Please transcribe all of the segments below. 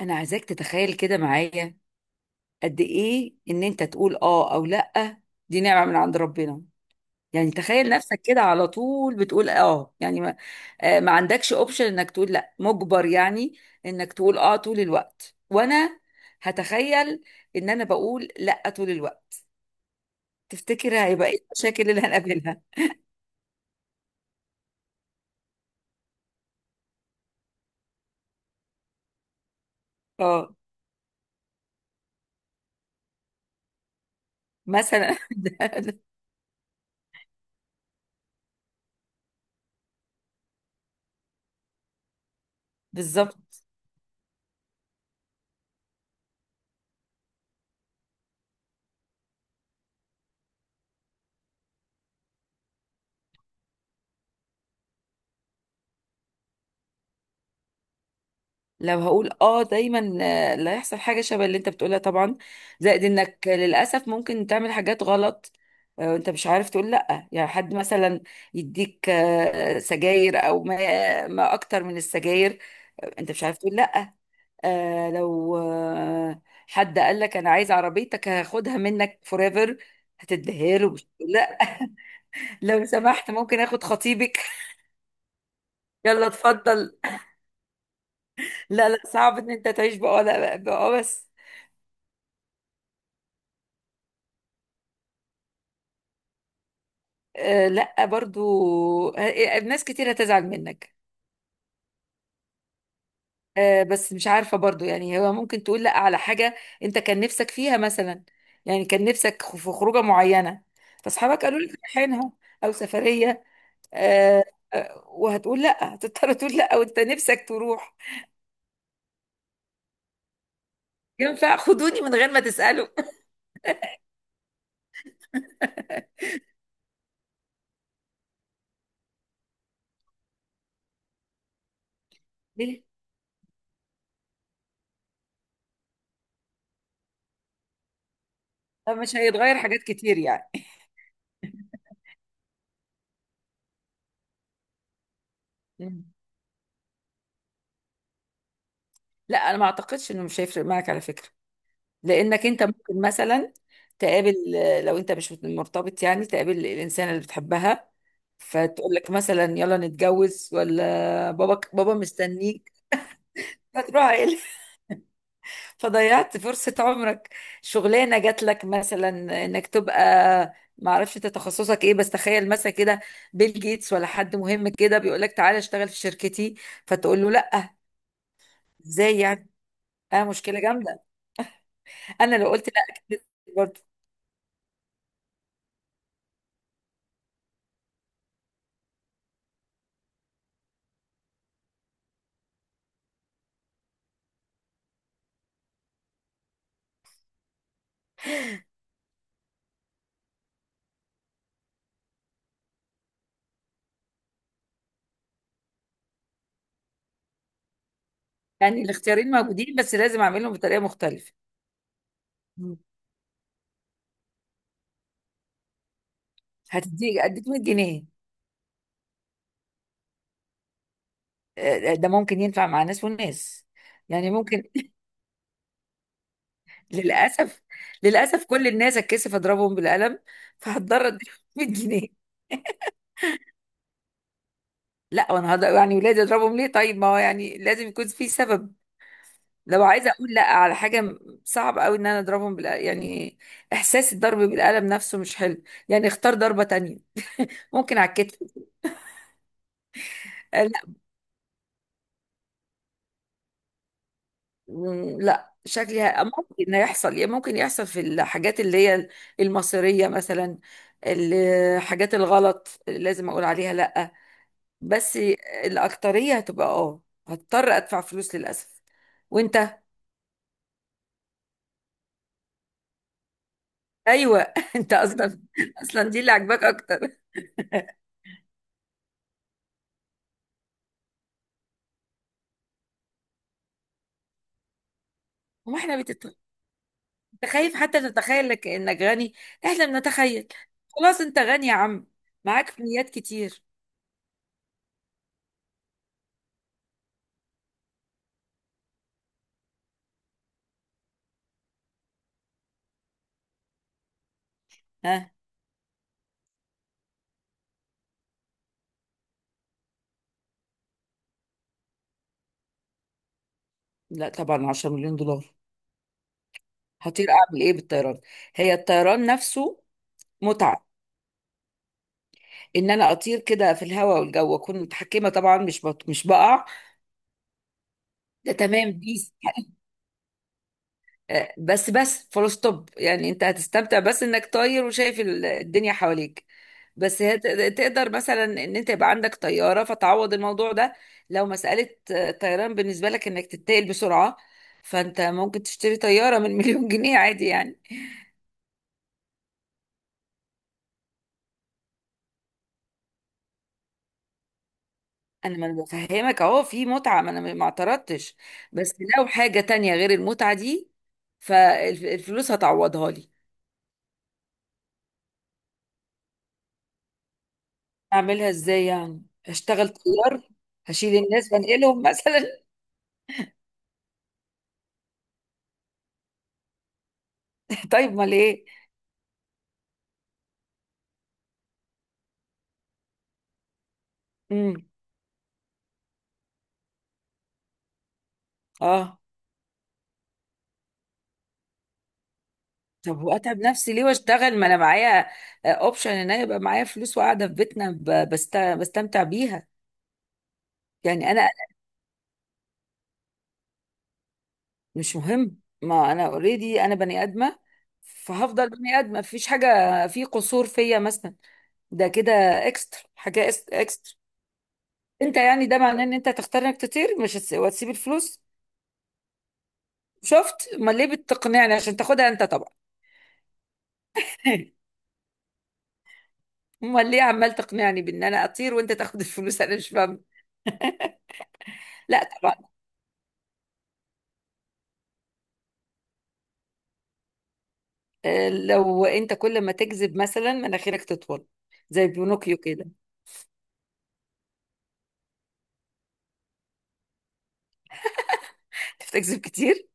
انا عايزاك تتخيل كده معايا، قد ايه ان انت تقول اه او لا. دي نعمة من عند ربنا. يعني تخيل نفسك كده على طول بتقول اه، يعني ما عندكش اوبشن انك تقول لا، مجبر يعني انك تقول اه طول الوقت، وانا هتخيل ان انا بقول لا طول الوقت. تفتكر هيبقى ايه المشاكل اللي هنقابلها؟ اه، مثلا. بالظبط. لو هقول اه دايما، لا، يحصل حاجه شبه اللي انت بتقولها طبعا. زائد انك للاسف ممكن تعمل حاجات غلط. وانت مش عارف تقول لا، يعني حد مثلا يديك سجاير، او ما اكتر من السجاير. انت مش عارف تقول لا. لو حد قال لك، انا عايز عربيتك هاخدها منك فوريفر، هتديها له، مش هتقول لا. لو سمحت، ممكن اخد خطيبك؟ يلا، اتفضل. لا، لا، صعب ان انت تعيش بقى لا بقى، بس. آه، لا برضو. آه، ناس كتير هتزعل منك. آه، بس مش عارفة برضو، يعني هو ممكن تقول لا على حاجة انت كان نفسك فيها مثلا. يعني كان نفسك في خروجة معينة، فاصحابك قالوا لك رايحينها، او سفرية. آه. وهتقول لا، هتضطر تقول لا وانت نفسك تروح. ينفع خدوني من غير ما تسألوا؟ ليه؟ مش هيتغير حاجات كتير يعني. مم. لا، انا ما اعتقدش انه مش هيفرق معك على فكرة. لانك انت ممكن مثلا تقابل، لو انت مش مرتبط يعني، تقابل الانسان اللي بتحبها، فتقول لك مثلا يلا نتجوز، ولا بابا بابا مستنيك، فتروح فضيعت فرصة عمرك. شغلانة جات لك مثلا، انك تبقى، ما اعرفش انت تخصصك ايه، بس تخيل مثلا كده، بيل جيتس ولا حد مهم كده بيقول لك تعالى اشتغل في شركتي، فتقول له لا. ازاي يعني؟ اه، مشكلة جامدة. انا لو قلت لا، أكيد برضه. يعني الاختيارين موجودين، بس لازم اعملهم بطريقه مختلفه. مم. اديك 100 جنيه. ده ممكن ينفع مع ناس وناس. يعني ممكن. للاسف، للاسف، كل الناس اتكسف اضربهم بالقلم، فهتضطر اديهم 100 جنيه. لا، وانا يعني ولادي اضربهم ليه؟ طيب، ما هو يعني لازم يكون في سبب. لو عايزه اقول لا على حاجه، صعب قوي ان انا اضربهم بال، يعني احساس الضرب بالقلم نفسه مش حلو. يعني اختار ضربه تانية، ممكن على الكتف. لا، شكلي ممكن يحصل، ممكن يحصل في الحاجات اللي هي المصيرية مثلا، الحاجات الغلط اللي لازم اقول عليها لا. بس الأكترية هتبقى، هضطر ادفع فلوس للأسف. وانت؟ ايوه. انت اصلا، اصلا دي اللي عاجباك اكتر. وما احنا بتخايف حتى تتخيل لك انك غني. احنا بنتخيل. خلاص، انت غني يا عم، معاك مليات كتير. ها. لا طبعا، 10 مليون دولار. هطير اعمل ايه بالطيران؟ هي الطيران نفسه متعه، ان انا اطير كده في الهواء والجو، اكون متحكمه طبعا، مش بقع. ده تمام، بيس. بس فول ستوب، يعني انت هتستمتع بس انك طاير وشايف الدنيا حواليك. بس هي تقدر مثلا ان انت يبقى عندك طياره فتعوض الموضوع ده. لو مساله طيران بالنسبه لك انك تتنقل بسرعه، فانت ممكن تشتري طياره من مليون جنيه عادي يعني. ما انا بفهمك اهو، في متعه، ما انا ما اعترضتش. بس لو حاجه تانية غير المتعه دي، فالفلوس هتعوضها لي. اعملها ازاي؟ يعني اشتغل طيار؟ هشيل الناس بنقلهم مثلا؟ طيب، ما ليه امم اه طب، واتعب نفسي ليه واشتغل؟ ما انا معايا اوبشن ان انا يبقى معايا فلوس وقاعده في بيتنا بستمتع بيها. يعني انا، مش مهم، ما انا اوريدي، انا بني ادمه، فهفضل بني ادمه، مفيش حاجه في قصور فيا مثلا. ده كده اكسترا حاجه، اكسترا. انت يعني ده معناه ان انت تختار انك تطير، مش هتس- وتسيب الفلوس. شفت؟ امال ليه بتقنعني؟ عشان تاخدها انت طبعا. امال ليه عمال تقنعني بان انا اطير وانت تاخد الفلوس؟ انا مش فاهم. لا طبعا. لو انت كل ما تكذب مثلا مناخيرك تطول، زي بينوكيو كده. انت بتكذب كتير؟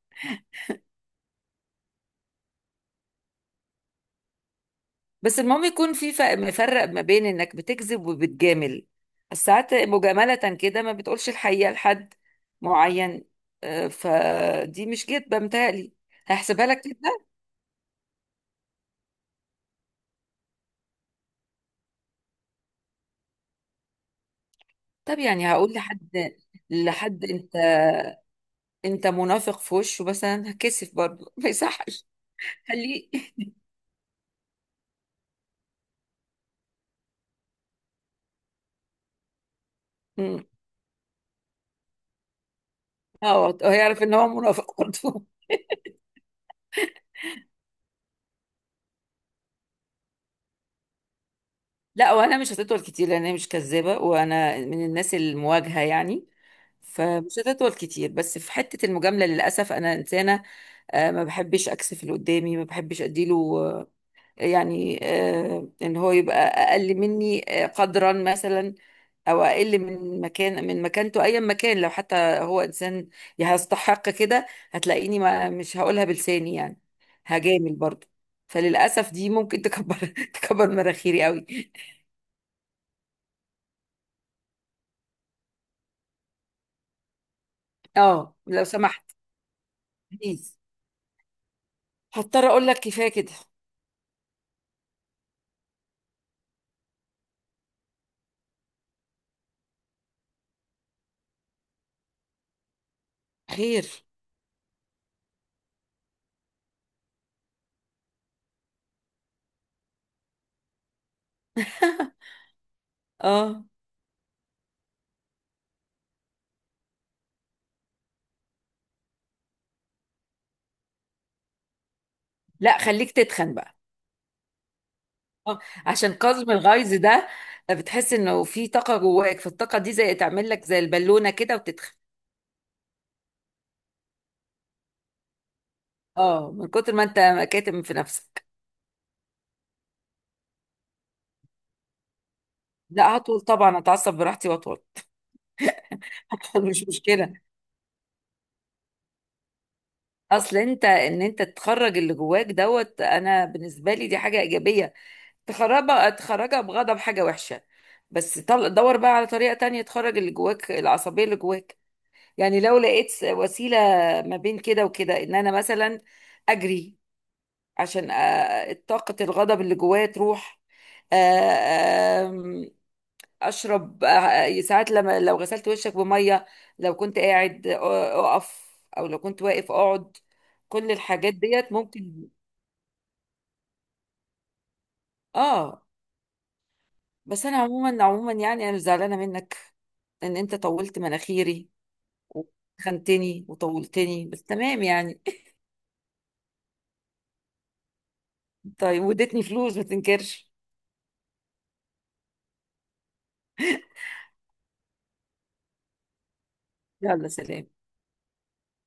بس المهم يكون في مفرق ما بين انك بتكذب وبتجامل، ساعات مجاملة كده ما بتقولش الحقيقة لحد معين. فدي مش كدبة متهيألي، هحسبها لك كده. طب يعني هقول لحد انت انت منافق في وشه، بس انا هكسف برضه، ما يصحش. خليه. مم. اه، هيعرف ان هو منافق برضه. لا، وانا مش هتطول كتير لان انا مش كذابه، وانا من الناس المواجهه يعني. فمش هتطول كتير، بس في حته المجامله للاسف، انا انسانه ما بحبش اكسف اللي قدامي، ما بحبش اديله يعني ان هو يبقى اقل مني قدرا مثلا، او اقل من مكانته، ايا مكان، لو حتى هو انسان يستحق كده، هتلاقيني ما مش هقولها بلساني يعني، هجامل برضه. فللاسف دي ممكن تكبر، تكبر مناخيري قوي. اه، لو سمحت، بليز، هضطر اقول لك كفايه كده. خير. اه، لا خليك تتخن بقى. اه، عشان كظم الغيظ ده، بتحس انه في طاقه جواك، فالطاقه دي زي تعمل لك زي البالونه كده، وتتخن. اه، من كتر ما انت كاتم في نفسك. لا، هطول طبعا، اتعصب براحتي واطول. مش مشكله. اصل ان انت تخرج اللي جواك دوت، انا بالنسبه لي دي حاجه ايجابيه. تخرجها، تخرجها بغضب، حاجة وحشة. بس دور بقى على طريقة تانية تخرج اللي جواك، العصبية اللي جواك. يعني لو لقيت وسيلة ما بين كده وكده، ان انا مثلا اجري عشان طاقة الغضب اللي جوايا تروح، أ- أم- اشرب، ساعات لما لو غسلت وشك بمية، لو كنت قاعد اقف، او لو كنت واقف اقعد. كل الحاجات ديت ممكن. اه، بس انا عموما عموما، يعني انا مش زعلانه منك ان انت طولت مناخيري، وخنتني وطولتني، بس تمام يعني. طيب، واديتني فلوس ما تنكرش. يلا، سلام.